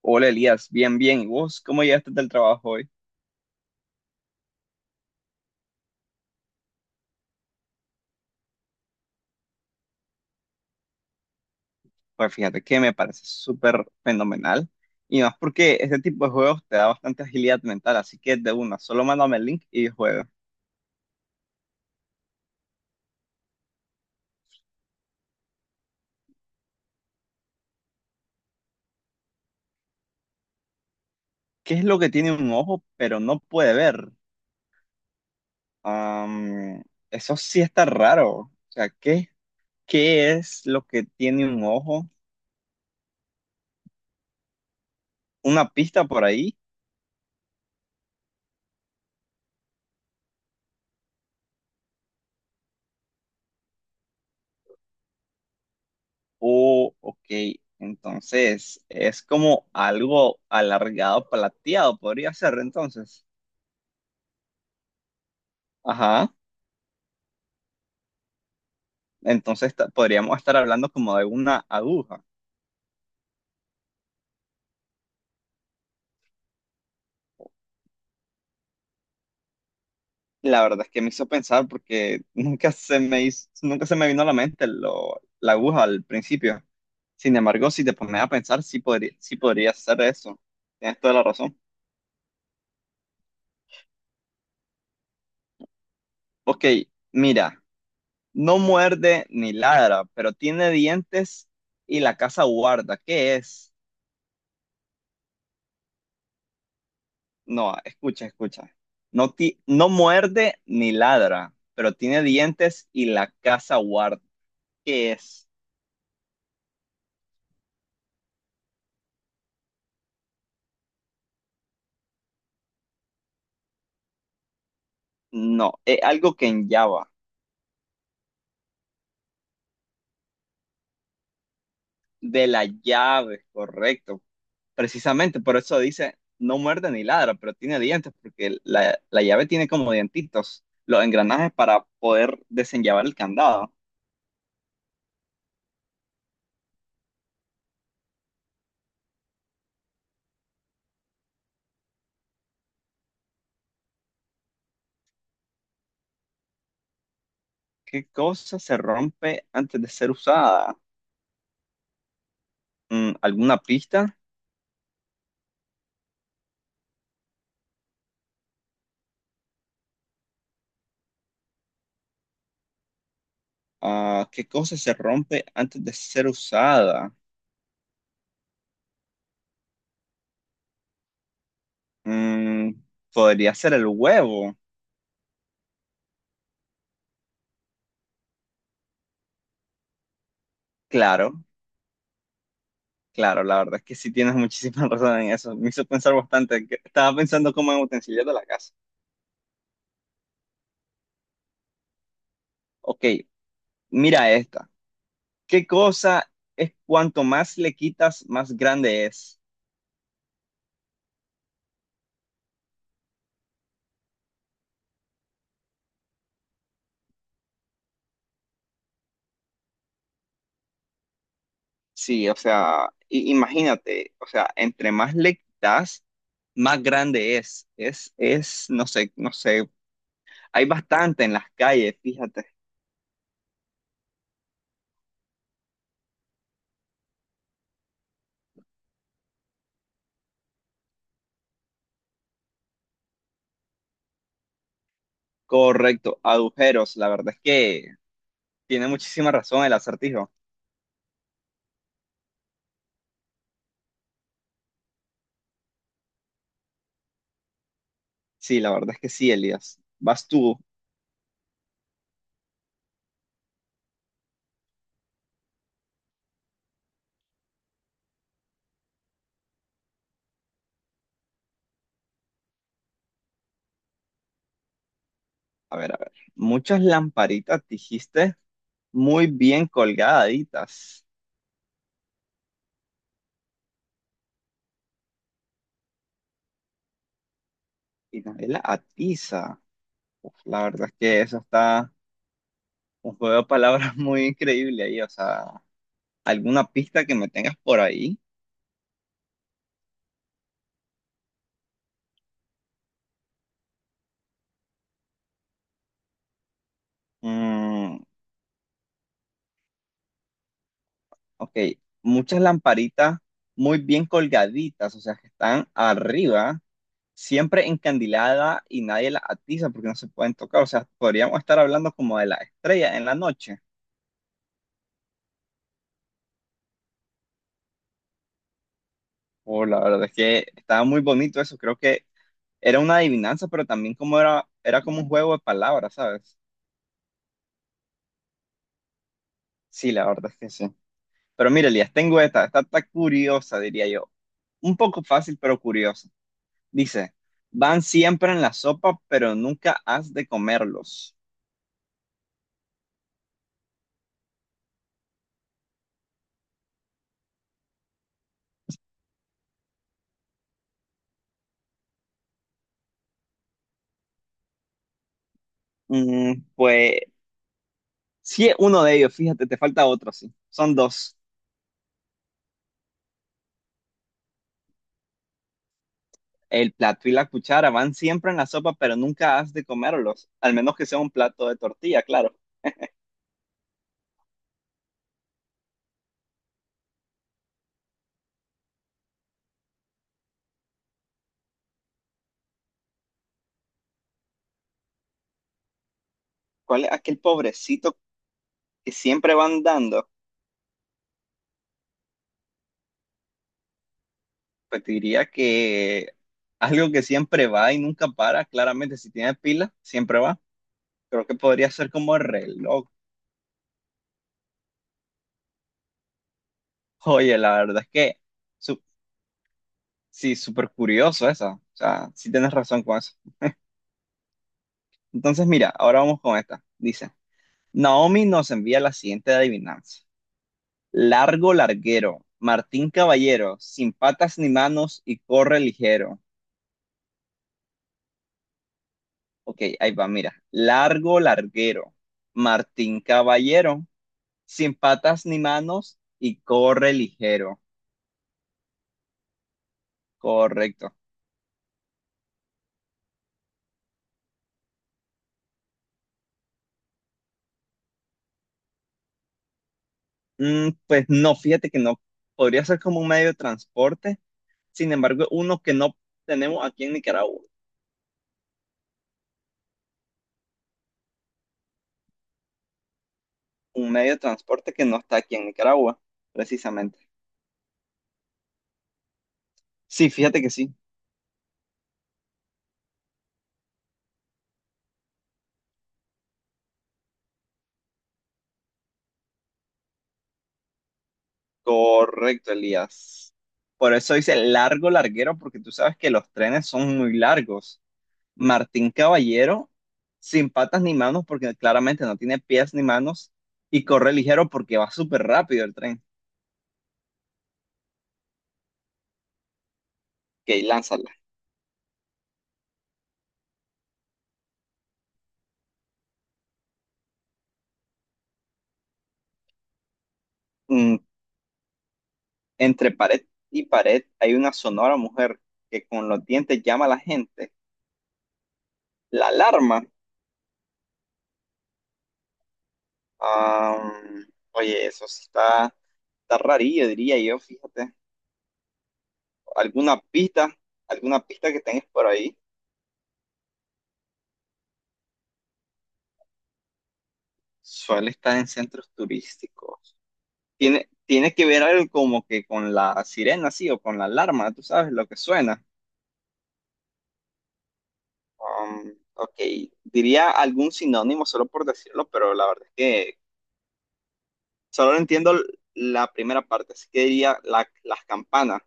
Hola Elías, bien, bien. ¿Y vos cómo llegaste del trabajo hoy? Pues fíjate que me parece súper fenomenal. Y más porque este tipo de juegos te da bastante agilidad mental, así que de una, solo mándame el link y juega. ¿Qué es lo que tiene un ojo pero no puede ver? Am, Eso sí está raro. O sea, ¿qué es lo que tiene un ojo? ¿Una pista por ahí? Oh, ok. Entonces, es como algo alargado, plateado, podría ser entonces. Ajá. Podríamos estar hablando como de una aguja. La verdad es que me hizo pensar porque nunca se me vino a la mente la aguja al principio. Sin embargo, si te pones a pensar, sí podría ser eso. Tienes toda la razón. Ok, mira, no muerde ni ladra, pero tiene dientes y la casa guarda. ¿Qué es? No, escucha, escucha. No, no muerde ni ladra, pero tiene dientes y la casa guarda. ¿Qué es? No, es algo que en Java, de la llave, correcto. Precisamente por eso dice, no muerde ni ladra, pero tiene dientes, porque la llave tiene como dientitos, los engranajes para poder desenllavar el candado. ¿Qué cosa se rompe antes de ser usada? Mm, ¿alguna pista? Ah, ¿qué cosa se rompe antes de ser usada? Mm, podría ser el huevo, claro. Claro, la verdad es que sí tienes muchísima razón en eso. Me hizo pensar bastante. Estaba pensando como en utensilios de la casa. Ok, mira esta. ¿Qué cosa es cuanto más le quitas, más grande es? Sí, o sea, imagínate, o sea, entre más le quitas, más grande es. No sé, no sé. Hay bastante en las calles, fíjate. Correcto, agujeros. La verdad es que tiene muchísima razón el acertijo. Sí, la verdad es que sí, Elías. Vas tú. A ver, a ver. Muchas lamparitas dijiste muy bien colgaditas y nadie la atiza. Uf, la verdad es que eso está un juego de palabras muy increíble ahí. O sea, ¿alguna pista que me tengas por ahí? Mm, ok, muchas lamparitas muy bien colgaditas, o sea, que están arriba, siempre encandiladas y nadie las atiza porque no se pueden tocar. O sea, podríamos estar hablando como de la estrella en la noche. Oh, la verdad es que estaba muy bonito eso. Creo que era una adivinanza, pero también como era, era como un juego de palabras, ¿sabes? Sí, la verdad es que sí. Pero mira, Elías, tengo esta, esta está curiosa, diría yo. Un poco fácil, pero curiosa. Dice, van siempre en la sopa, pero nunca has de comerlos. Mm, pues sí es uno de ellos, fíjate, te falta otro, sí. Son dos. El plato y la cuchara van siempre en la sopa, pero nunca has de comerlos. Al menos que sea un plato de tortilla, claro. ¿Cuál es aquel pobrecito que siempre van dando? Pues te diría que algo que siempre va y nunca para, claramente si tiene pila, siempre va. Creo que podría ser como el reloj. Oye, la verdad es que su- sí, súper curioso eso. O sea, sí tienes razón con eso. Entonces, mira, ahora vamos con esta. Dice, Naomi nos envía la siguiente adivinanza. Largo larguero, Martín Caballero, sin patas ni manos y corre ligero. Ok, ahí va, mira. Largo larguero, Martín Caballero sin patas ni manos y corre ligero. Correcto. Mm, pues no, fíjate que no. Podría ser como un medio de transporte. Sin embargo, uno que no tenemos aquí en Nicaragua. Un medio de transporte que no está aquí en Nicaragua, precisamente. Sí, fíjate que sí. Correcto, Elías. Por eso dice largo, larguero, porque tú sabes que los trenes son muy largos. Martín Caballero, sin patas ni manos, porque claramente no tiene pies ni manos, y corre ligero porque va súper rápido el tren. Ok, lánzala. Mm, entre pared y pared hay una sonora mujer que con los dientes llama a la gente. La alarma. Ah, oye, está rarillo, diría yo, fíjate. ¿Alguna pista? ¿Alguna pista que tengas por ahí? Suele estar en centros turísticos. Tiene que ver algo como que con la sirena, sí, o con la alarma, tú sabes lo que suena. Ok, diría algún sinónimo solo por decirlo, pero la verdad es que solo entiendo la primera parte, así que diría las campanas,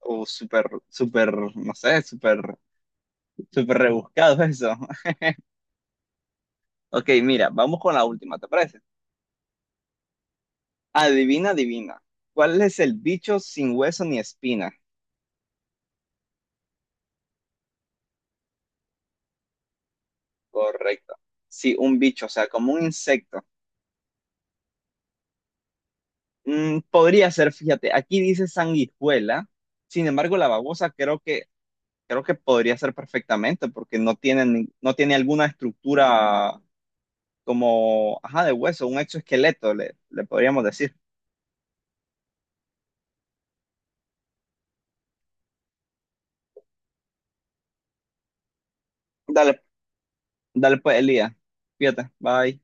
o no sé, súper rebuscado eso. Ok, mira, vamos con la última, ¿te parece? Adivina, adivina. ¿Cuál es el bicho sin hueso ni espina? Correcto. Sí, un bicho, o sea, como un insecto. Mm, podría ser, fíjate, aquí dice sanguijuela, sin embargo la babosa creo que podría ser perfectamente porque no tiene, no tiene alguna estructura como, ajá, de hueso, un exoesqueleto, le podríamos decir. Dale, dale pues, Elías, fíjate, bye.